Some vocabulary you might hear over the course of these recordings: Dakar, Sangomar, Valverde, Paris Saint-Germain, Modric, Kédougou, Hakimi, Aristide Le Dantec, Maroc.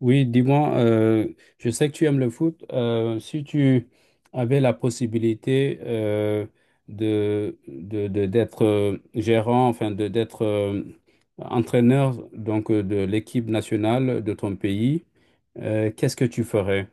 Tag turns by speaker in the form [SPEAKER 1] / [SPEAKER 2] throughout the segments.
[SPEAKER 1] Oui, dis-moi, je sais que tu aimes le foot. Si tu avais la possibilité d'être gérant, enfin de d'être entraîneur donc de l'équipe nationale de ton pays, qu'est-ce que tu ferais?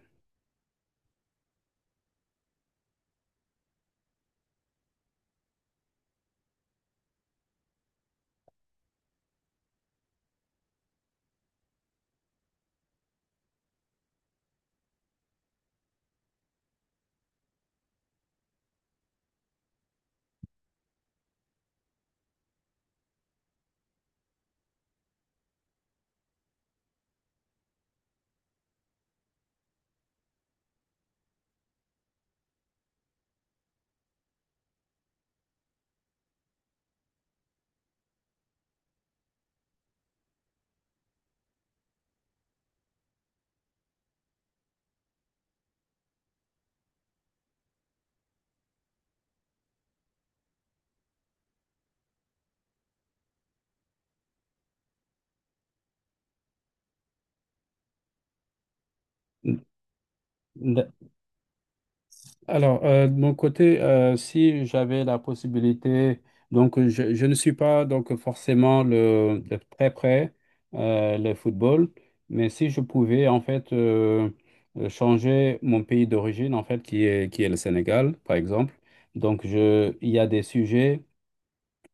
[SPEAKER 1] Alors, de mon côté, si j'avais la possibilité, donc je ne suis pas donc forcément le, de très près le football, mais si je pouvais en fait changer mon pays d'origine en fait qui est le Sénégal par exemple, donc je il y a des sujets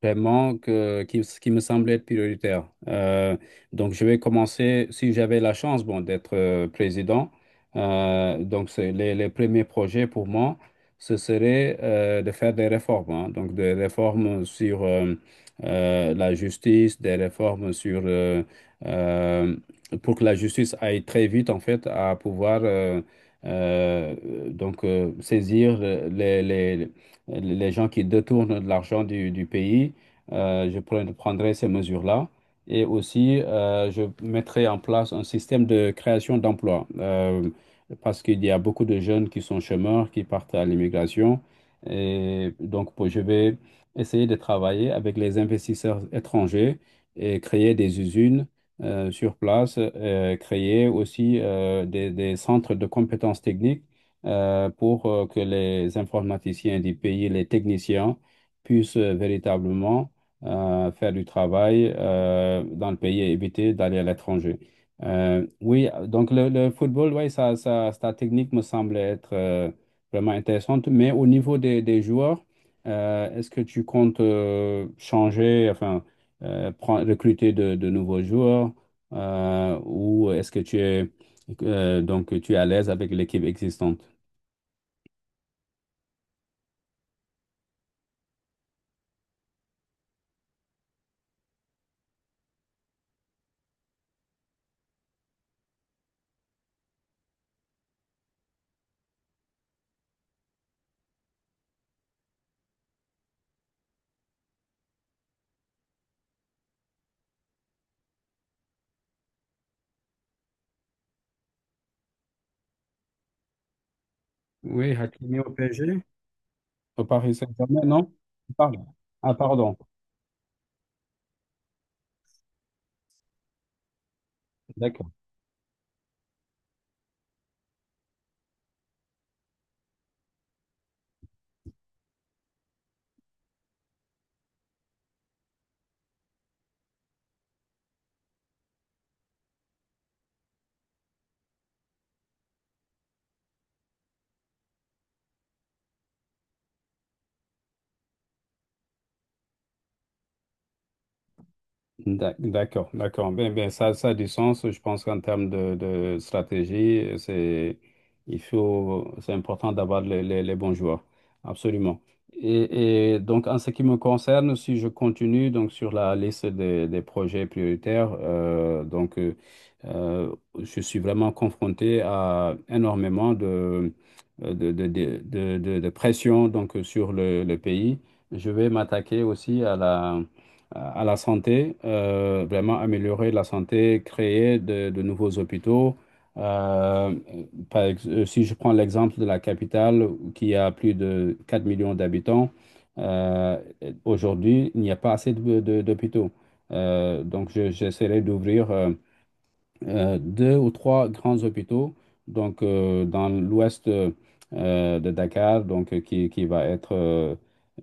[SPEAKER 1] vraiment qui me semble être prioritaire. Donc, je vais commencer, si j'avais la chance, bon, d'être président. Donc, c'est les premiers projets pour moi, ce serait de faire des réformes, hein. Donc, des réformes sur la justice, des réformes sur... euh, pour que la justice aille très vite, en fait, à pouvoir... euh, donc saisir les gens qui détournent de l'argent du pays, je prendrai ces mesures-là. Et aussi, je mettrai en place un système de création d'emplois. Parce qu'il y a beaucoup de jeunes qui sont chômeurs, qui partent à l'immigration. Et donc, je vais essayer de travailler avec les investisseurs étrangers et créer des usines sur place, créer aussi des centres de compétences techniques pour que les informaticiens du pays, les techniciens, puissent véritablement faire du travail dans le pays et éviter d'aller à l'étranger. Oui, donc le football, oui, sa technique me semble être vraiment intéressante, mais au niveau des joueurs, est-ce que tu comptes changer, enfin, recruter de nouveaux joueurs ou est-ce que tu es, donc, tu es à l'aise avec l'équipe existante? Oui, Hakimi au PSG. Au Paris Saint-Germain, non? Pardon. Ah, pardon. D'accord. D'accord, d'accord. Ben, ça a du sens. Je pense qu'en termes de stratégie, c'est, il faut, c'est important d'avoir les bons joueurs. Absolument. Et donc, en ce qui me concerne, si je continue donc sur la liste des projets prioritaires, euh, je suis vraiment confronté à énormément de, de, de, de pression donc, sur le pays. Je vais m'attaquer aussi à la santé, vraiment améliorer la santé, créer de nouveaux hôpitaux. Euh, par ex- si je prends l'exemple de la capitale qui a plus de 4 millions d'habitants, euh, aujourd'hui, il n'y a pas assez d'hôpitaux. Donc, j'essaierai d'ouvrir deux ou trois grands hôpitaux donc dans l'ouest de Dakar donc qui va être euh,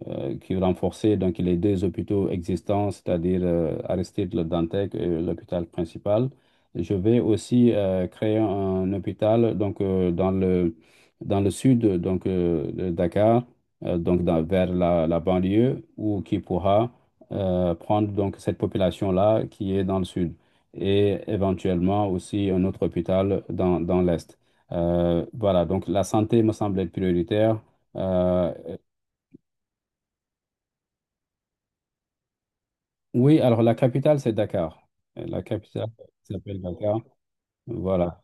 [SPEAKER 1] euh, qui est renforcé donc les deux hôpitaux existants, c'est-à-dire Aristide Le Dantec et l'hôpital principal. Je vais aussi créer un hôpital donc dans le sud donc de Dakar, donc vers la banlieue où qui pourra prendre donc cette population-là qui est dans le sud et éventuellement aussi un autre hôpital dans l'Est. Voilà, donc la santé me semble être prioritaire. Euh. Oui, alors la capitale, c'est Dakar. La capitale s'appelle Dakar. Voilà.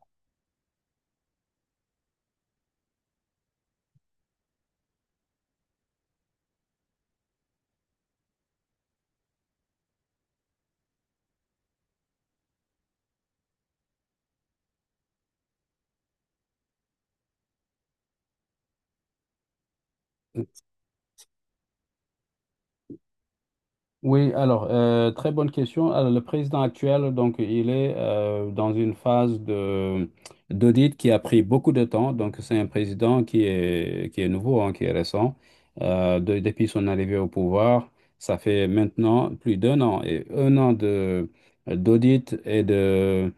[SPEAKER 1] Oui, alors, très bonne question. Alors, le président actuel, donc, il est dans une phase de d'audit qui a pris beaucoup de temps. Donc, c'est un président qui est nouveau, hein, qui est récent. Depuis son arrivée au pouvoir, ça fait maintenant plus d'un an et un an de d'audit et de,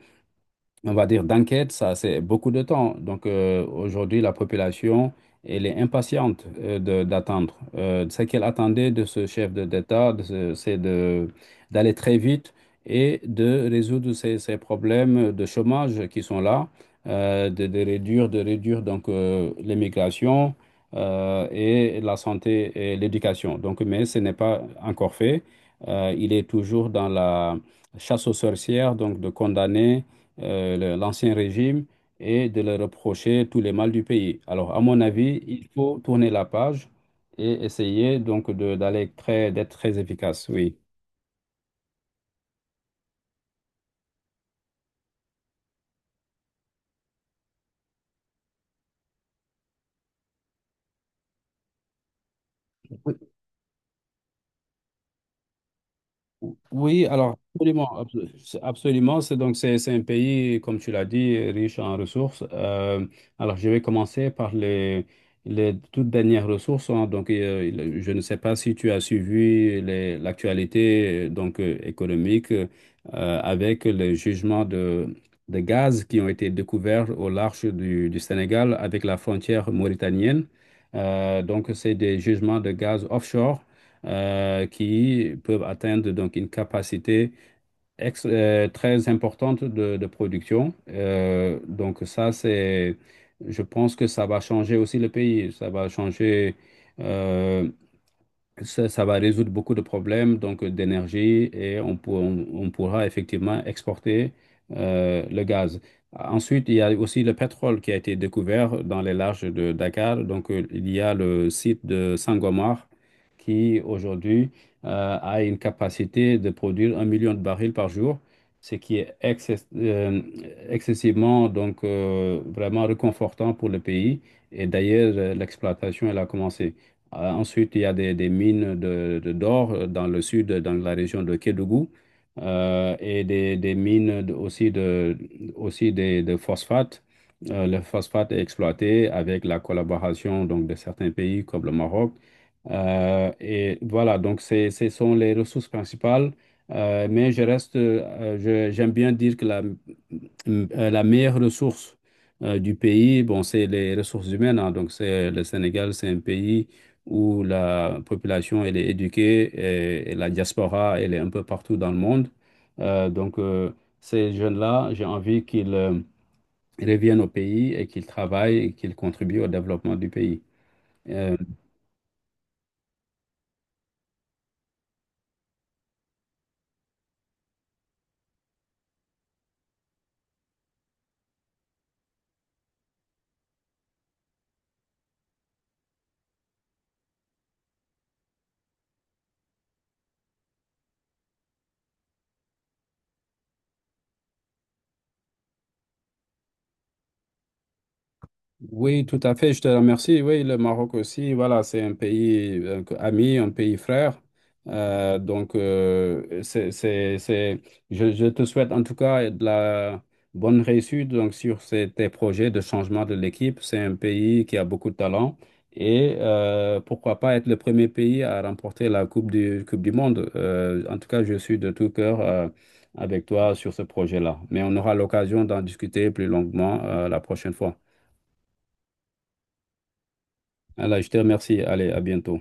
[SPEAKER 1] on va dire, d'enquête, ça, c'est beaucoup de temps. Donc, aujourd'hui, la population, elle est impatiente d'attendre. Ce qu'elle attendait de ce chef d'État, de ce- c'est de, d'aller très vite et de résoudre ces problèmes de chômage qui sont là, de réduire donc l'immigration et la santé et l'éducation. Donc, mais ce n'est pas encore fait. Il est toujours dans la chasse aux sorcières, donc de condamner l'ancien régime et de leur reprocher tous les mal du pays. Alors, à mon avis, il faut tourner la page et essayer donc d'aller très, d'être très efficace, oui. Oui, alors absolument, absolument. C'est donc c'est un pays, comme tu l'as dit, riche en ressources. Alors je vais commencer par les toutes dernières ressources, hein. Donc je ne sais pas si tu as suivi l'actualité économique, avec les jugements de gaz qui ont été découverts au large du Sénégal avec la frontière mauritanienne. Donc c'est des jugements de gaz offshore qui peuvent atteindre donc une capacité très importante de production. Donc ça, c'est, je pense que ça va changer aussi le pays, ça va changer. euh, Ça, ça va résoudre beaucoup de problèmes donc d'énergie et on, on pourra effectivement exporter le gaz. Ensuite, il y a aussi le pétrole qui a été découvert dans les larges de Dakar. Donc, il y a le site de Sangomar qui aujourd'hui a une capacité de produire 1 million de barils par jour, ce qui est excessivement donc vraiment réconfortant pour le pays. Et d'ailleurs, l'exploitation elle a commencé. Ensuite, il y a des mines d'or dans le sud, dans la région de Kédougou, et des mines de phosphates. Le phosphate est exploité avec la collaboration donc, de certains pays comme le Maroc. Et voilà, donc ce sont les ressources principales. Mais je reste, j'aime bien dire que la meilleure ressource du pays, bon, c'est les ressources humaines, hein. Donc c'est le Sénégal, c'est un pays où la population elle est éduquée et la diaspora elle est un peu partout dans le monde. Euh, donc euh, ces jeunes-là, j'ai envie qu'ils reviennent au pays et qu'ils travaillent et qu'ils contribuent au développement du pays. Euh. Oui, tout à fait, je te remercie. Oui, le Maroc aussi, voilà, c'est un pays ami, un pays frère. Euh, donc, euh, c'est, c'est, c'est- je te souhaite en tout cas de la bonne réussite donc, sur tes projets de changement de l'équipe. C'est un pays qui a beaucoup de talent et pourquoi pas être le premier pays à remporter la Coupe du Monde. En tout cas, je suis de tout cœur avec toi sur ce projet-là. Mais on aura l'occasion d'en discuter plus longuement la prochaine fois. Alors, je te remercie. Allez, à bientôt.